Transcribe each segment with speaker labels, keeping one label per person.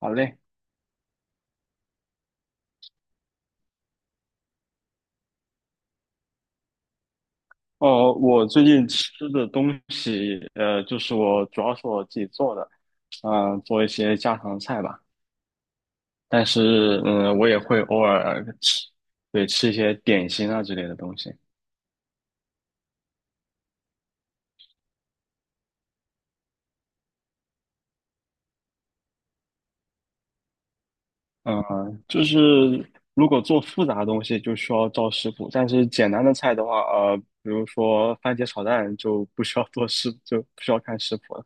Speaker 1: 好嘞，哦，我最近吃的东西，就是我主要是我自己做的，做一些家常菜吧。但是，我也会偶尔吃，对，吃一些点心啊之类的东西。嗯、就是如果做复杂的东西，就需要找食谱；但是简单的菜的话，比如说番茄炒蛋，就不需要看食谱了。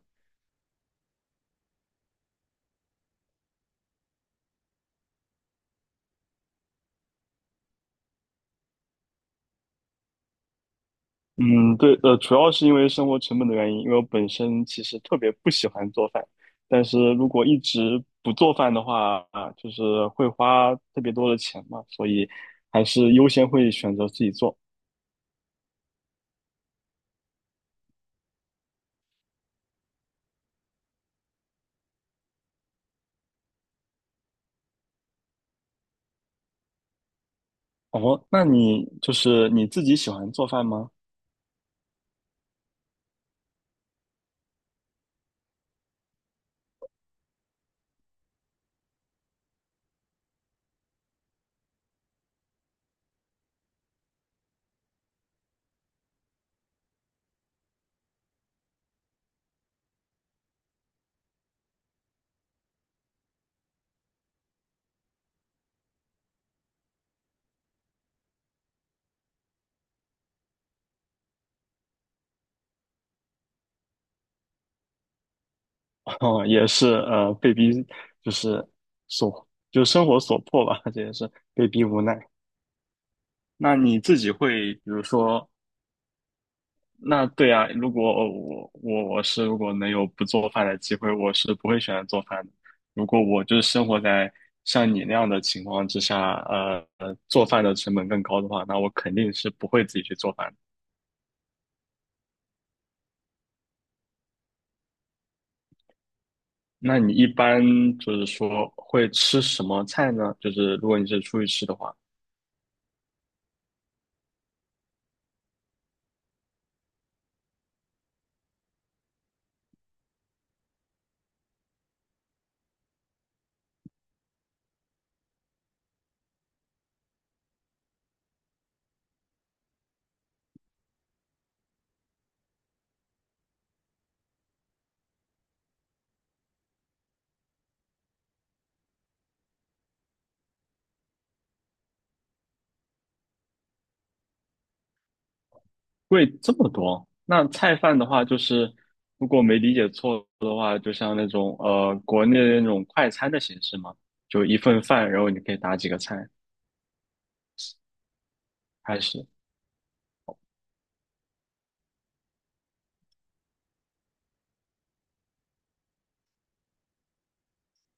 Speaker 1: 嗯，对，主要是因为生活成本的原因，因为我本身其实特别不喜欢做饭。但是如果一直不做饭的话，啊，就是会花特别多的钱嘛，所以还是优先会选择自己做。哦，那你就是你自己喜欢做饭吗？哦，也是，被逼，就是就生活所迫吧，这也是被逼无奈。那你自己会，比如说，那对啊，如果我我我是如果能有不做饭的机会，我是不会选择做饭的。如果我就是生活在像你那样的情况之下，做饭的成本更高的话，那我肯定是不会自己去做饭的。那你一般就是说会吃什么菜呢？就是如果你是出去吃的话，贵这么多。那菜饭的话，就是如果没理解错的话，就像那种国内的那种快餐的形式嘛，就一份饭，然后你可以打几个菜。还是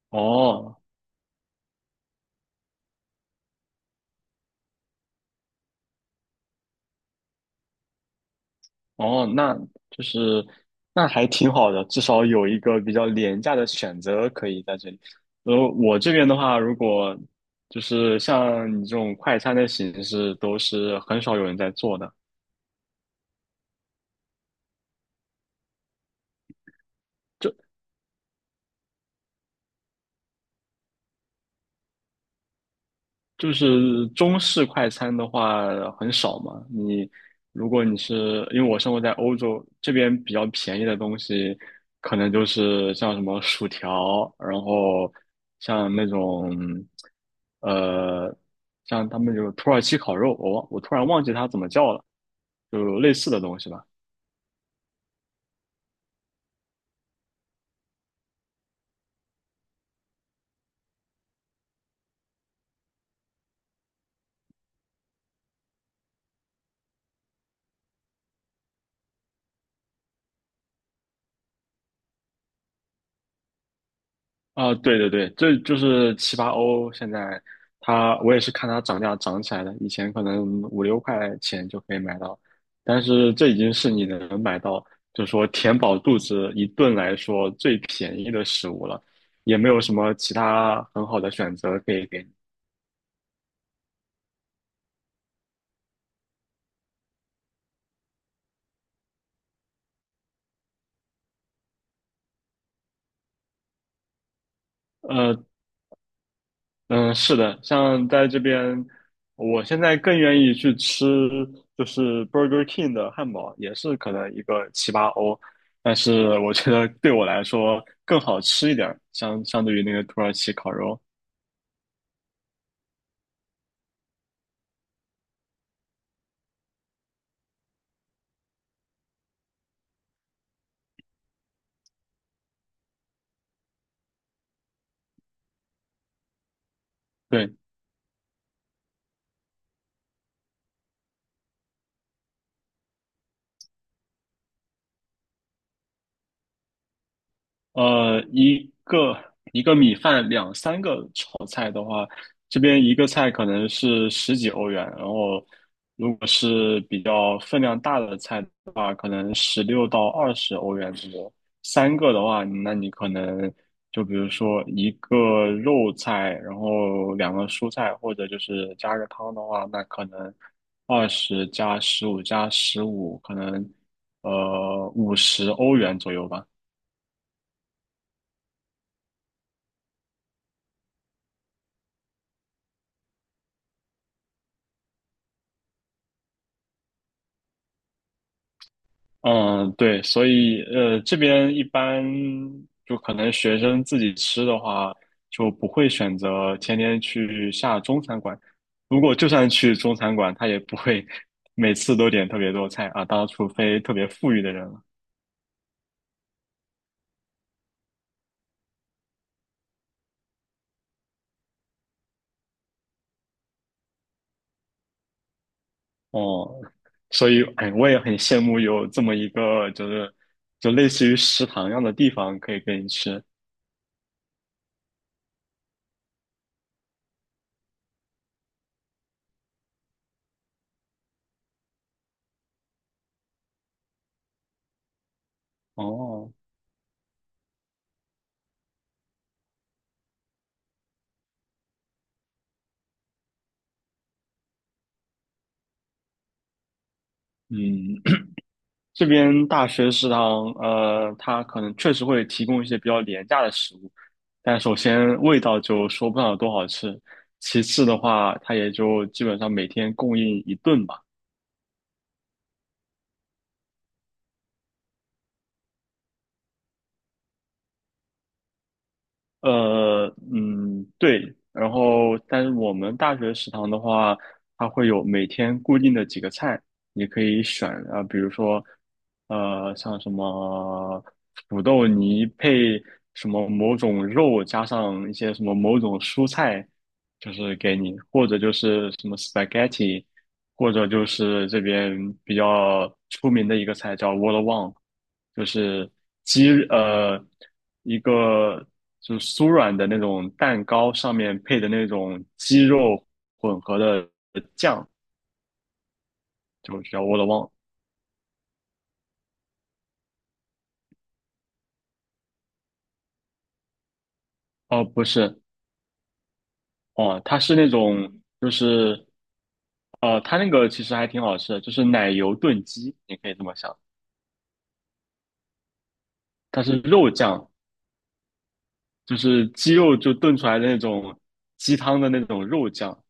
Speaker 1: 哦哦，那就是那还挺好的，至少有一个比较廉价的选择可以在这里。然后我这边的话，如果就是像你这种快餐的形式，都是很少有人在做的。就就是中式快餐的话很少嘛。你如果你是因为我生活在欧洲这边，比较便宜的东西，可能就是像什么薯条，然后像那种呃，像他们有土耳其烤肉，我突然忘记它怎么叫了，就类似的东西吧。啊、对对对，这就是七八欧。现在它，我也是看它涨价涨起来的。以前可能五六块钱就可以买到，但是这已经是你能买到，就是说填饱肚子一顿来说最便宜的食物了，也没有什么其他很好的选择可以给你。呃嗯，是的，像在这边，我现在更愿意去吃就是 Burger King 的汉堡，也是可能一个七八欧，但是我觉得对我来说更好吃一点儿，相对于那个土耳其烤肉。对。呃，一个一个米饭两三个炒菜的话，这边一个菜可能是十几欧元，然后如果是比较分量大的菜的话，可能16到20欧元左右。三个的话，那你可能就比如说一个肉菜，然后两个蔬菜，或者就是加个汤的话，那可能20加15加15，十五可能50欧元左右吧。嗯，对，所以这边一般就可能学生自己吃的话，就不会选择天天去下中餐馆。如果就算去中餐馆，他也不会每次都点特别多菜啊，当然除非特别富裕的人了。哦，所以哎，我也很羡慕有这么一个就类似于食堂一样的地方可以给你吃。哦，嗯，这边大学食堂，它可能确实会提供一些比较廉价的食物。但首先味道就说不上有多好吃，其次的话，它也就基本上每天供应一顿吧。呃，嗯，对。然后，但是我们大学食堂的话，它会有每天固定的几个菜，你可以选啊，比如说，像什么土豆泥配什么某种肉，加上一些什么某种蔬菜，就是给你，或者就是什么 spaghetti，或者就是这边比较出名的一个菜叫 Wollawan， 就是鸡呃一个就是酥软的那种蛋糕上面配的那种鸡肉混合的酱，就叫我的忘，哦不是。哦，它是那种就是它那个其实还挺好吃的，就是奶油炖鸡，你可以这么想。它是肉酱，就是鸡肉就炖出来的那种鸡汤的那种肉酱，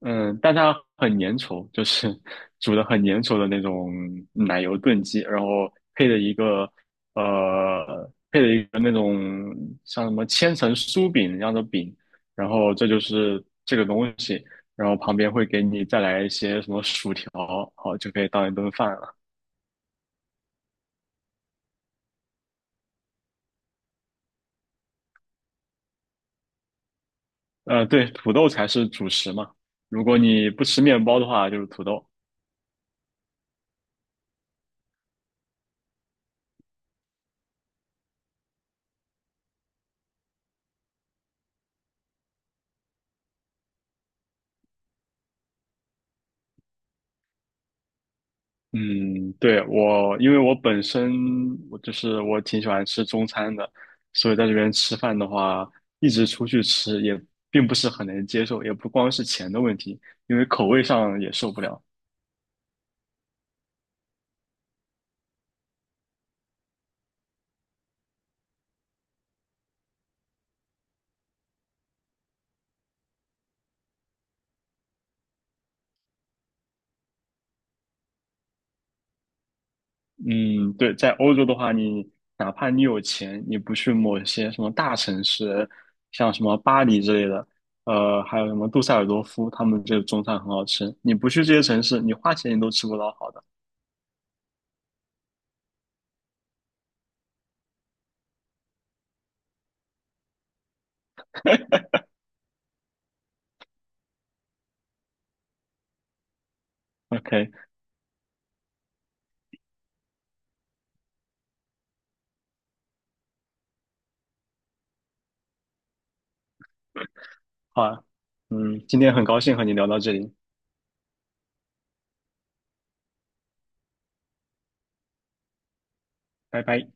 Speaker 1: 嗯，但它很粘稠，就是 煮的很粘稠的那种奶油炖鸡，然后配的呃一个那种像什么千层酥饼一样的饼，然后这就是这个东西，然后旁边会给你再来一些什么薯条，好就可以当一顿饭了。对，土豆才是主食嘛，如果你不吃面包的话，就是土豆。嗯，对，因为我本身我就是我挺喜欢吃中餐的，所以在这边吃饭的话，一直出去吃也并不是很能接受，也不光是钱的问题，因为口味上也受不了。嗯，对，在欧洲的话，你哪怕你有钱，你不去某些什么大城市，像什么巴黎之类的，还有什么杜塞尔多夫，他们这个中餐很好吃，你不去这些城市，你花钱你都吃不到好的。OK。好啊，今天很高兴和你聊到这里，拜拜。